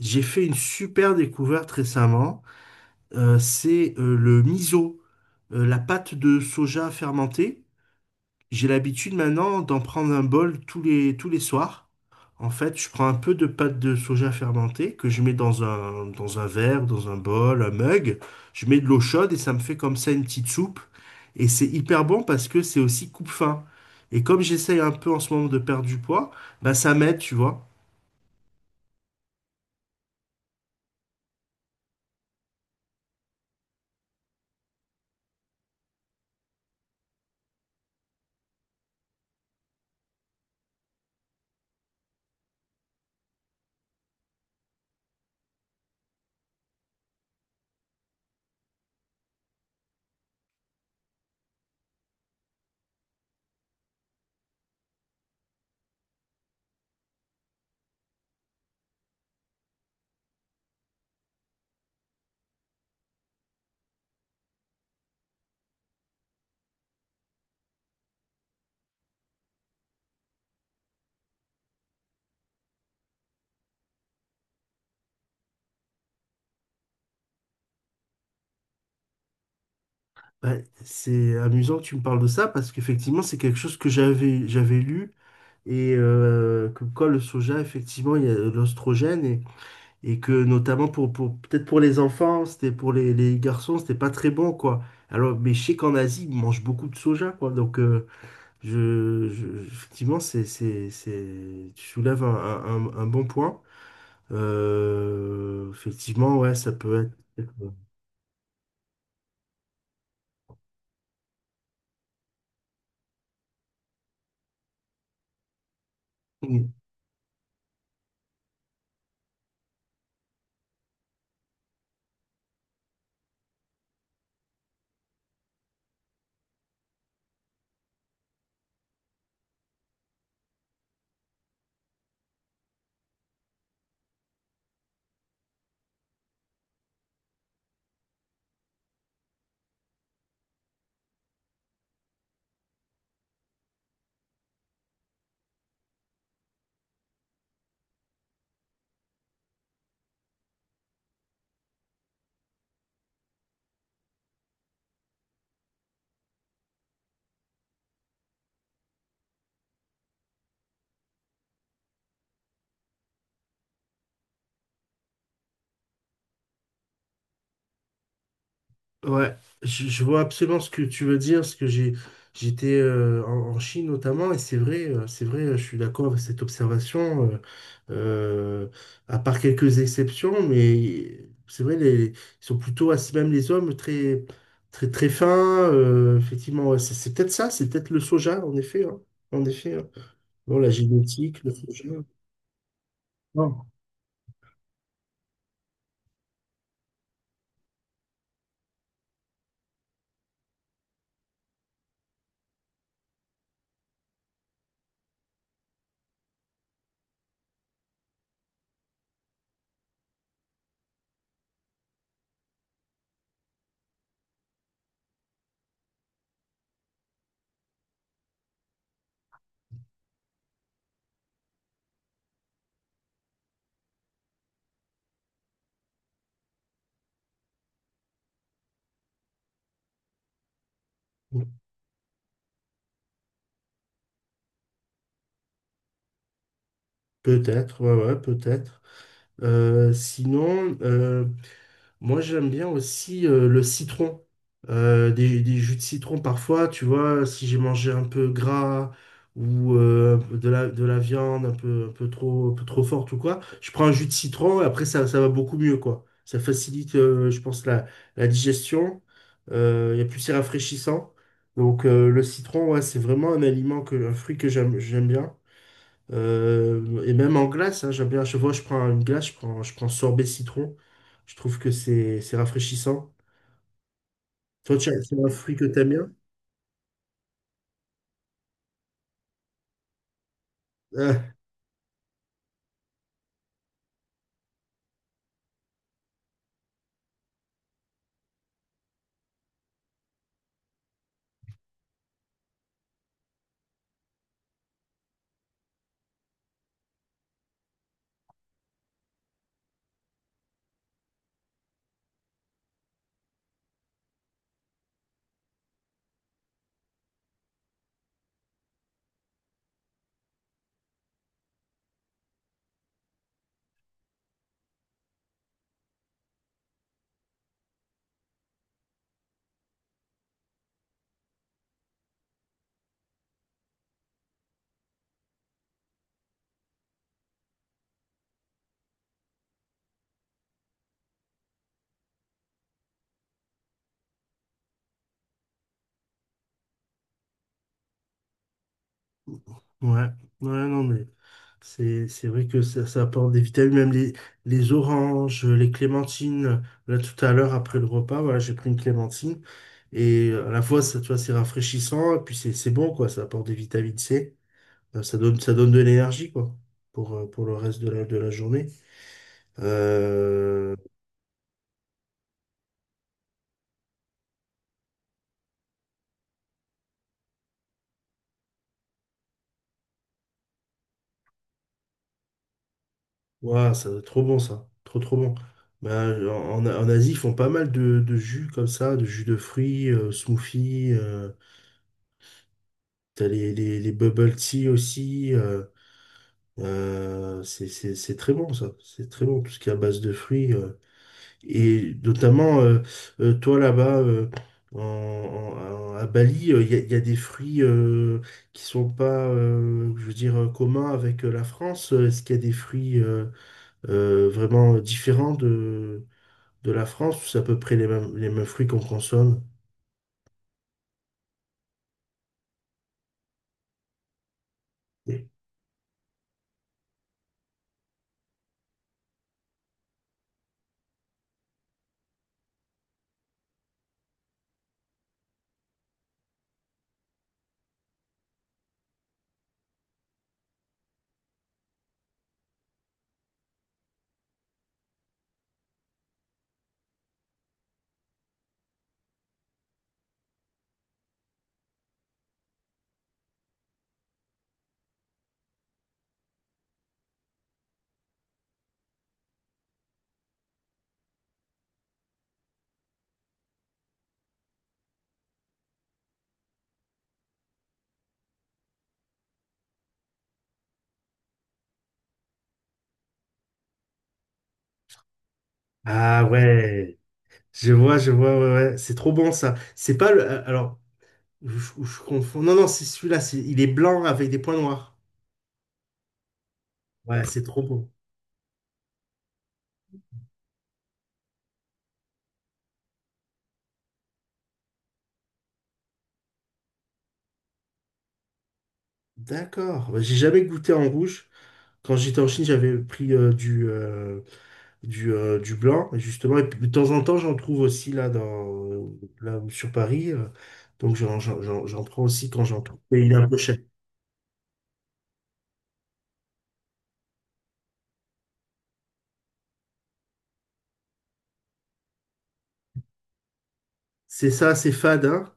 J'ai fait une super découverte récemment. C'est le miso, la pâte de soja fermentée. J'ai l'habitude maintenant d'en prendre un bol tous les soirs. En fait, je prends un peu de pâte de soja fermentée que je mets dans un verre, dans un bol, un mug. Je mets de l'eau chaude et ça me fait comme ça une petite soupe. Et c'est hyper bon parce que c'est aussi coupe-faim. Et comme j'essaye un peu en ce moment de perdre du poids, bah ça m'aide, tu vois. Ouais, c'est amusant que tu me parles de ça parce qu'effectivement, c'est quelque chose que j'avais lu et comme quoi le soja, effectivement, il y a l'ostrogène et que notamment pour peut-être pour les enfants, c'était pour les garçons, c'était pas très bon quoi. Alors, mais je sais qu'en Asie, ils mangent beaucoup de soja quoi. Donc, effectivement, c'est tu soulèves un bon point. Effectivement, ouais, ça peut être. euh, Ouais, je vois absolument ce que tu veux dire, parce que j'étais en Chine notamment, et c'est vrai, je suis d'accord avec cette observation, euh, à part quelques exceptions, mais c'est vrai, ils sont plutôt, même les hommes, très fins, effectivement, ouais, c'est peut-être ça, c'est peut-être le soja, en effet, hein, en effet, hein. Bon, la génétique, le soja, non. Peut-être, ouais, ouais, peut-être. Sinon, moi, j'aime bien aussi le citron. Des jus de citron parfois, tu vois, si j'ai mangé un peu gras ou un peu de la viande un peu trop forte ou quoi, je prends un jus de citron et après ça, ça va beaucoup mieux, quoi. Ça facilite, je pense, la digestion. Et plus c'est rafraîchissant. Donc le citron, ouais, c'est vraiment un aliment que, un fruit que j'aime bien. Et même en glace, hein, j'aime bien. À chaque fois je prends une glace, je prends sorbet citron. Je trouve que c'est rafraîchissant. Toi, c'est un fruit que t'aimes bien? Euh, ouais, ouais, non, mais c'est vrai que ça apporte des vitamines, même les oranges, les clémentines. Là, tout à l'heure, après le repas, voilà, j'ai pris une clémentine. Et à la fois, ça, tu vois, c'est rafraîchissant, et puis c'est bon, quoi. Ça apporte des vitamines C. Ça donne de l'énergie, quoi, pour le reste de la journée. Euh, Ouah, ça doit être trop bon ça, trop trop bon. Ben en Asie, ils font pas mal de jus comme ça, de jus de fruits, smoothies, t'as les bubble tea aussi. C'est très bon ça, c'est très bon tout ce qui est à base de fruits. Et notamment, toi là-bas, à Bali, il y, a, y a des fruits qui sont pas, je veux dire, communs avec la France. Est-ce qu'il y a des fruits vraiment différents de la France, ou c'est à peu près les mêmes fruits qu'on consomme? Ah ouais, je vois, ouais, ouais. C'est trop bon ça. C'est pas le. Alors, je confonds. Non, non, c'est celui-là. Il est blanc avec des points noirs. Ouais, c'est trop bon. D'accord. Bah, j'ai jamais goûté en rouge. Quand j'étais en Chine, j'avais pris du blanc, justement. Et puis, de temps en temps, j'en trouve aussi là, là sur Paris. Donc, j'en prends aussi quand j'en trouve. Et il est un peu cher. C'est ça, c'est fade, hein?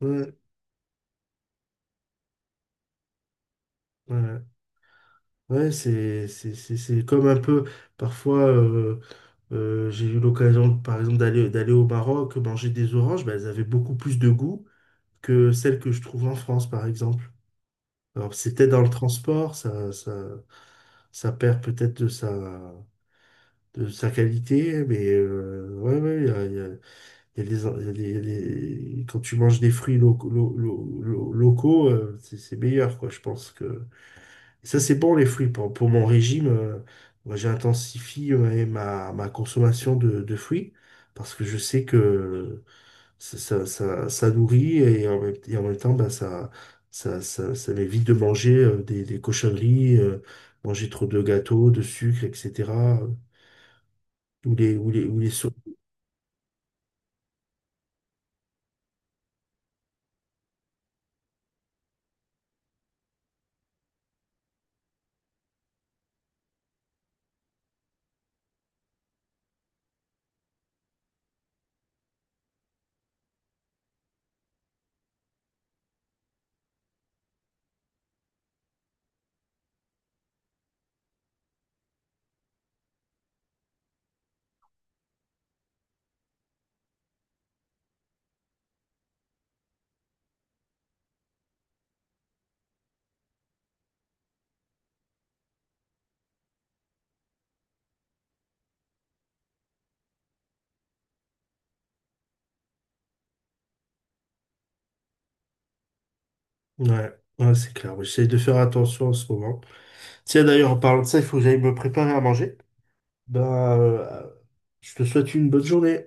Ouais. Ouais, Ouais, c'est comme un peu, parfois, j'ai eu l'occasion, par exemple, d'aller au Maroc, manger des oranges, bah, elles avaient beaucoup plus de goût que celles que je trouve en France, par exemple. Alors, c'était dans le transport, ça perd peut-être de sa qualité, mais ouais, ouais, il y a, il y a- il y a des il y a des- quand tu manges des fruits locaux, locaux, c'est meilleur, quoi, je pense que. Ça, c'est bon, les fruits. Pour mon régime, moi, j'intensifie ma consommation de fruits parce que je sais que ça nourrit et et en même temps, bah, ça m'évite de manger des cochonneries, manger trop de gâteaux, de sucre, etc. Ou les sauces. Ouais, ouais, c'est clair. Ouais, j'essaie de faire attention en ce moment. Tiens, d'ailleurs, en parlant de ça, il faut que j'aille me préparer à manger. Bah, je te souhaite une bonne journée.